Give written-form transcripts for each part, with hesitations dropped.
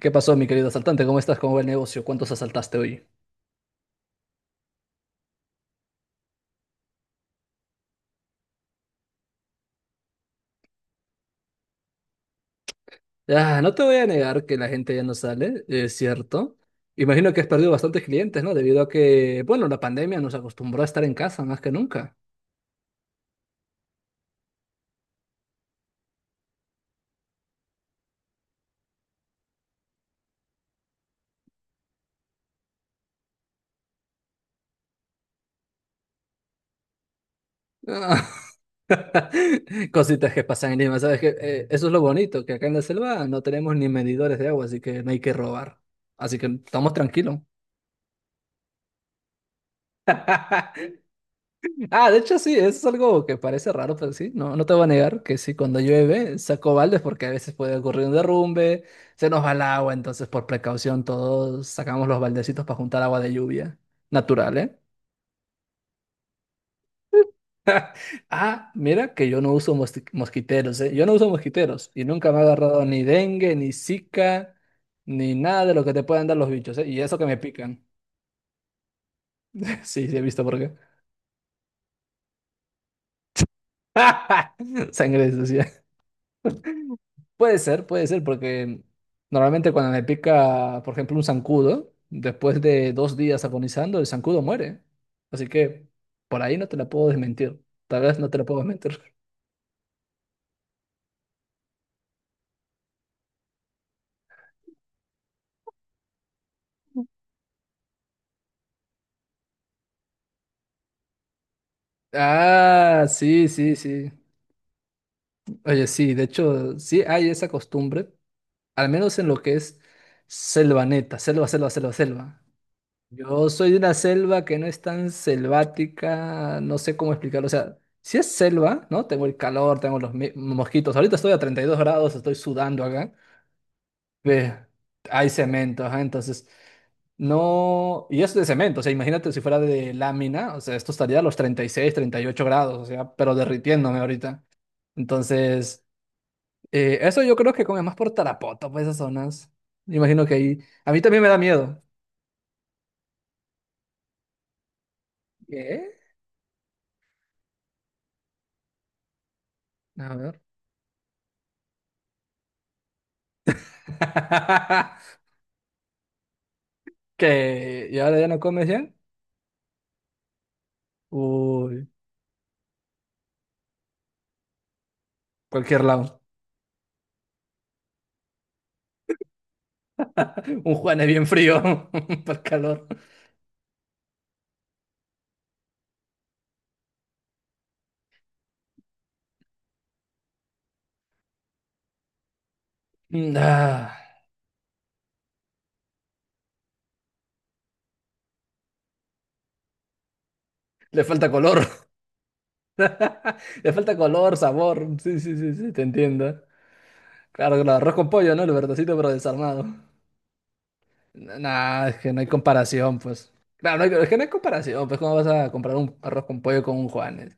¿Qué pasó, mi querido asaltante? ¿Cómo estás? ¿Cómo va el negocio? ¿Cuántos asaltaste hoy? Ah, no te voy a negar que la gente ya no sale, es cierto. Imagino que has perdido bastantes clientes, ¿no? Debido a que, bueno, la pandemia nos acostumbró a estar en casa más que nunca. Cositas que pasan en Lima, ¿sabes qué? Eso es lo bonito, que acá en la selva no tenemos ni medidores de agua, así que no hay que robar. Así que estamos tranquilos. Ah, de hecho sí, es algo que parece raro, pero sí, no, no te voy a negar que sí, cuando llueve saco baldes porque a veces puede ocurrir un derrumbe, se nos va el agua, entonces por precaución todos sacamos los baldecitos para juntar agua de lluvia natural, ¿eh? Ah, mira que yo no uso mosquiteros, ¿eh? Yo no uso mosquiteros y nunca me ha agarrado ni dengue, ni zika, ni nada de lo que te puedan dar los bichos, ¿eh? Y eso que me pican. Sí, sí, he visto por qué. Sangre sucia. Puede ser, porque normalmente cuando me pica, por ejemplo, un zancudo, después de 2 días agonizando, el zancudo muere. Así que por ahí no te la puedo desmentir. Tal vez no te la puedo desmentir. Ah, sí, sí, sí. Oye, sí, de hecho, sí hay esa costumbre, al menos en lo que es selva neta, selva, selva, selva, selva. Yo soy de una selva que no es tan selvática, no sé cómo explicarlo. O sea, si es selva, ¿no? Tengo el calor, tengo los mosquitos. Ahorita estoy a 32 grados, estoy sudando acá. Ve, hay cemento, ajá, entonces no. Y es de cemento, o sea, imagínate si fuera de lámina, o sea, esto estaría a los 36, 38 grados, o sea, pero derritiéndome ahorita. Entonces, eso yo creo que come más por Tarapoto, pues esas zonas. Me imagino que ahí. A mí también me da miedo. ¿Qué? A ver. Que y ahora ya no comes ya. Uy, cualquier lado. Un Juan es bien frío para el calor. Mm, ah, le falta color, le falta color, sabor. Sí, sí, sí, sí, te entiendo. Claro, claro, arroz con pollo, ¿no? El verdacito pero desarmado. Nah, es que no hay comparación, pues. Claro, es que no hay comparación, pues, ¿cómo vas a comprar un arroz con pollo con un Juanes?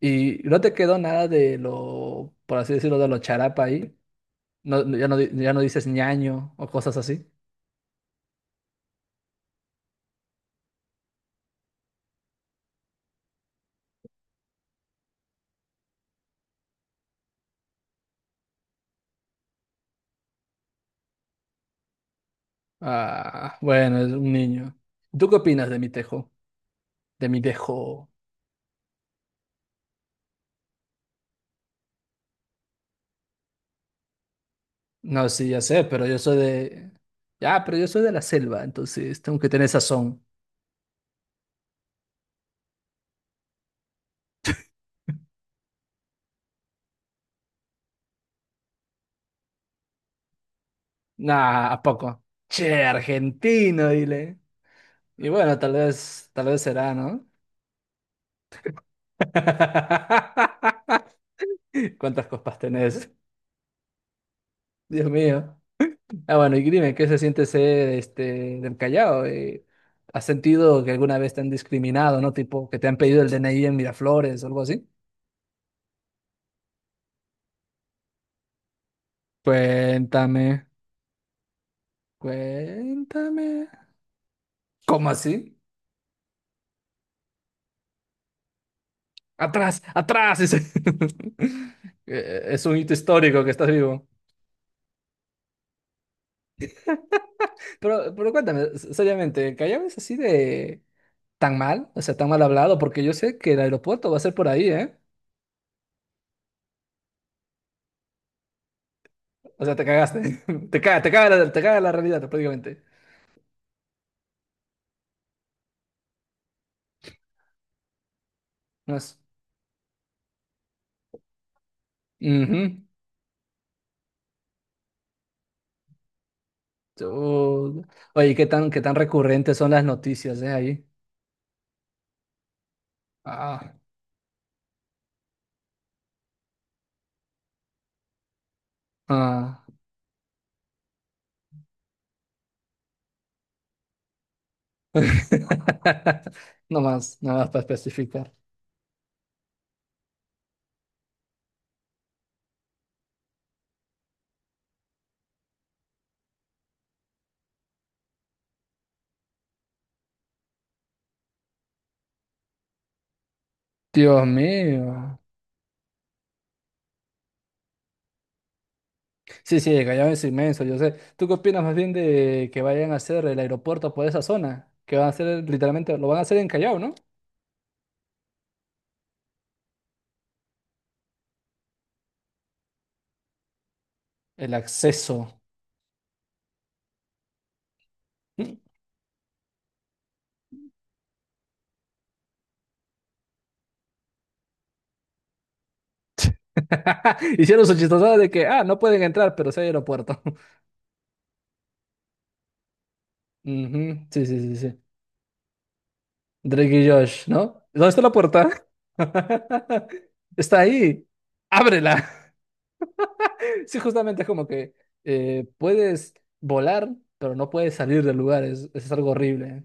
Y no te quedó nada de lo, por así decirlo, de lo charapa ahí. No, ya no, ya no dices ñaño o cosas así. Ah, bueno, es un niño. ¿Tú qué opinas de mi tejo? De mi tejo. No, sí, ya sé, pero yo soy de. Ya, pero yo soy de la selva, entonces tengo que tener sazón. Nah, ¿a poco? Che, argentino, dile. Y bueno, tal vez será, ¿no? ¿Cuántas copas tenés? Dios mío. Ah, bueno, y dime, ¿qué se siente ser este del Callao? ¿Has sentido que alguna vez te han discriminado, ¿no? Tipo, que te han pedido el DNI en Miraflores o algo así? Cuéntame, cuéntame. ¿Cómo así? Atrás, atrás, dice. Es un hito histórico que estás vivo. Pero cuéntame, seriamente, ¿Callao es así de tan mal? O sea, tan mal hablado, porque yo sé que el aeropuerto va a ser por ahí, ¿eh? O sea, te cagaste. Te caga la realidad, prácticamente. No es- Ujú. Tú- Oye, ¿qué tan recurrentes son las noticias, ahí? Ah, ah. No más, nada más para especificar. Dios mío. Sí, sí, el Callao es inmenso, yo sé. ¿Tú qué opinas más bien de que vayan a hacer el aeropuerto por esa zona? Que van a hacer, literalmente, lo van a hacer en Callao, ¿no? El acceso. Mm. Hicieron su chistosada de que, ah, no pueden entrar, pero sí hay aeropuerto. Ujú, sí, sí, sí, sí. Drake y Josh, ¿no? ¿Dónde está la puerta? Está ahí. Ábrela. Sí, justamente es como que puedes volar, pero no puedes salir del lugar. Es algo horrible.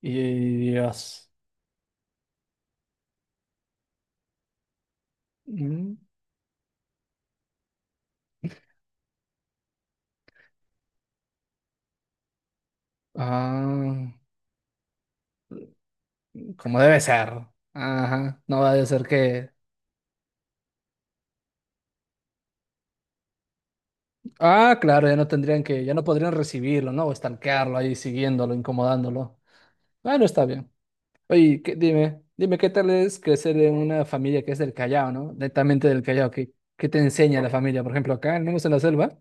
Y Dios. Mm, ah, como debe ser. Ajá. No va a ser que. Ah, claro, ya no tendrían que, ya no podrían recibirlo, ¿no? O estanquearlo ahí, siguiéndolo, incomodándolo. Bueno, está bien. Oye, dime, dime, ¿qué tal es crecer en una familia que es del Callao, ¿no? Netamente del Callao. ¿Qué te enseña la familia? Por ejemplo, acá, al menos en la selva,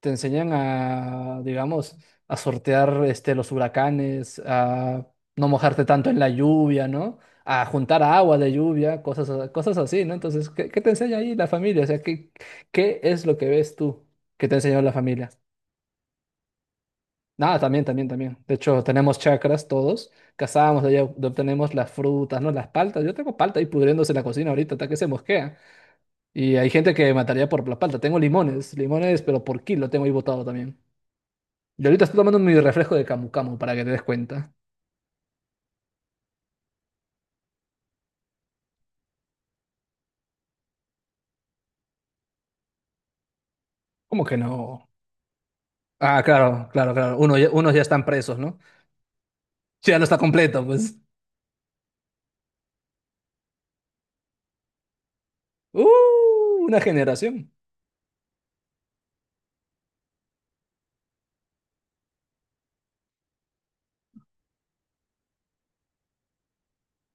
te enseñan a, digamos, a sortear este, los huracanes, a no mojarte tanto en la lluvia, ¿no? A juntar agua de lluvia, cosas, cosas así, ¿no? Entonces, ¿qué te enseña ahí la familia? O sea, ¿qué es lo que ves tú que te enseñó la familia? Nada, también, también, también. De hecho, tenemos chakras todos, cazamos, de ahí obtenemos las frutas, ¿no? Las paltas. Yo tengo palta ahí pudriéndose en la cocina ahorita, hasta que se mosquea. Y hay gente que mataría por la palta. Tengo limones, limones, pero por kilo tengo ahí botado también. Y ahorita estoy tomando mi refresco de Camu Camu para que te des cuenta. ¿Cómo que no? Ah, claro, claro, claro. Unos ya están presos, ¿no? Sí, ya no está completo, pues. ¡Uh! Una generación.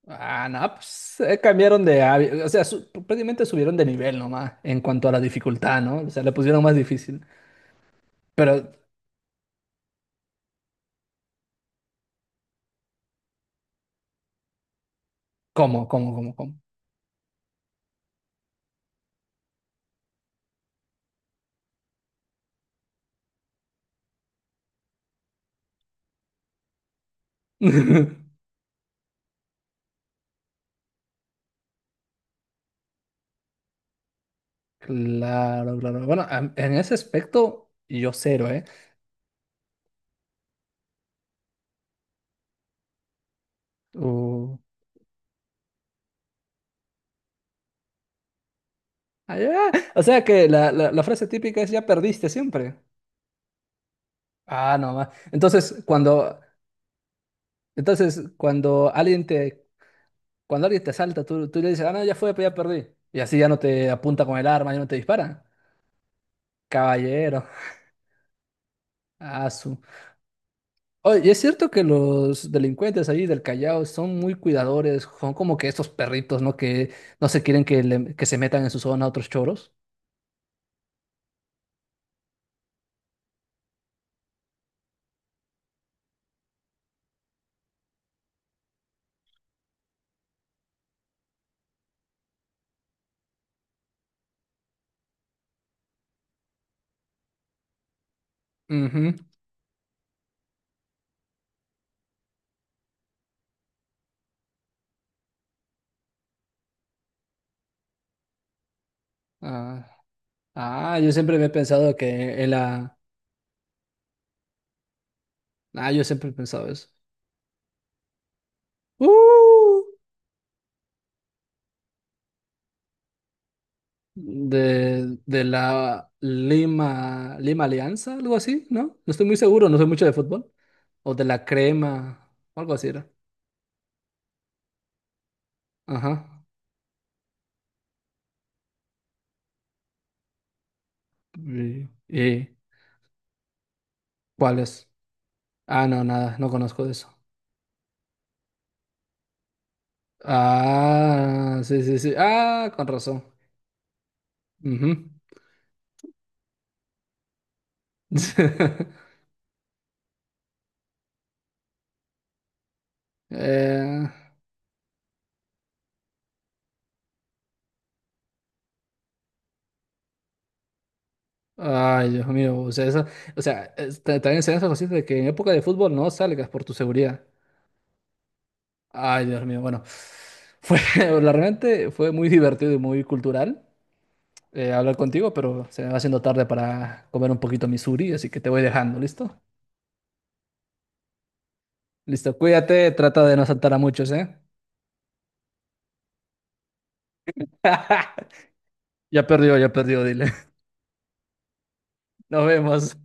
Ah, no, pues O sea, prácticamente subieron de nivel nomás en cuanto a la dificultad, ¿no? O sea, le pusieron más difícil. Pero, ¿cómo, cómo, cómo, cómo? Claro, claro. Bueno, en ese aspecto, yo cero, ¿eh? Uh, ah, ya. O sea que la frase típica es ya perdiste siempre. Ah, no ma- Entonces, cuando, entonces, cuando alguien te asalta, tú le dices, ah, no, ya fue, pues ya perdí. Y así ya no te apunta con el arma, ya no te dispara. Caballero. Ah, su. Oye, es cierto que los delincuentes ahí del Callao son muy cuidadores, son como que estos perritos, ¿no? Que no se quieren que, que se metan en su zona otros choros. Ujú. Ah, ah, yo siempre había pensado que él. Ah, yo siempre he pensado eso. ¡Uh! De la Lima, Lima Alianza, algo así, ¿no? No estoy muy seguro, no sé mucho de fútbol. O de la Crema, o algo así era. Ajá. ¿Y cuál es? Ah, no, nada, no conozco de eso. Ah, sí, sí, sí. Ah, con razón. Ujú. Eh, Ay, Dios mío, o sea, esa, o sea, también se dan esas cositas de que en época de fútbol no salgas por tu seguridad. Ay, Dios mío, bueno, fue, realmente fue muy divertido y muy cultural hablar contigo, pero se me va haciendo tarde para comer un poquito mi suri, así que te voy dejando, ¿listo? Listo, cuídate, trata de no saltar a muchos, ¿eh? Ya perdió, dile. Nos vemos.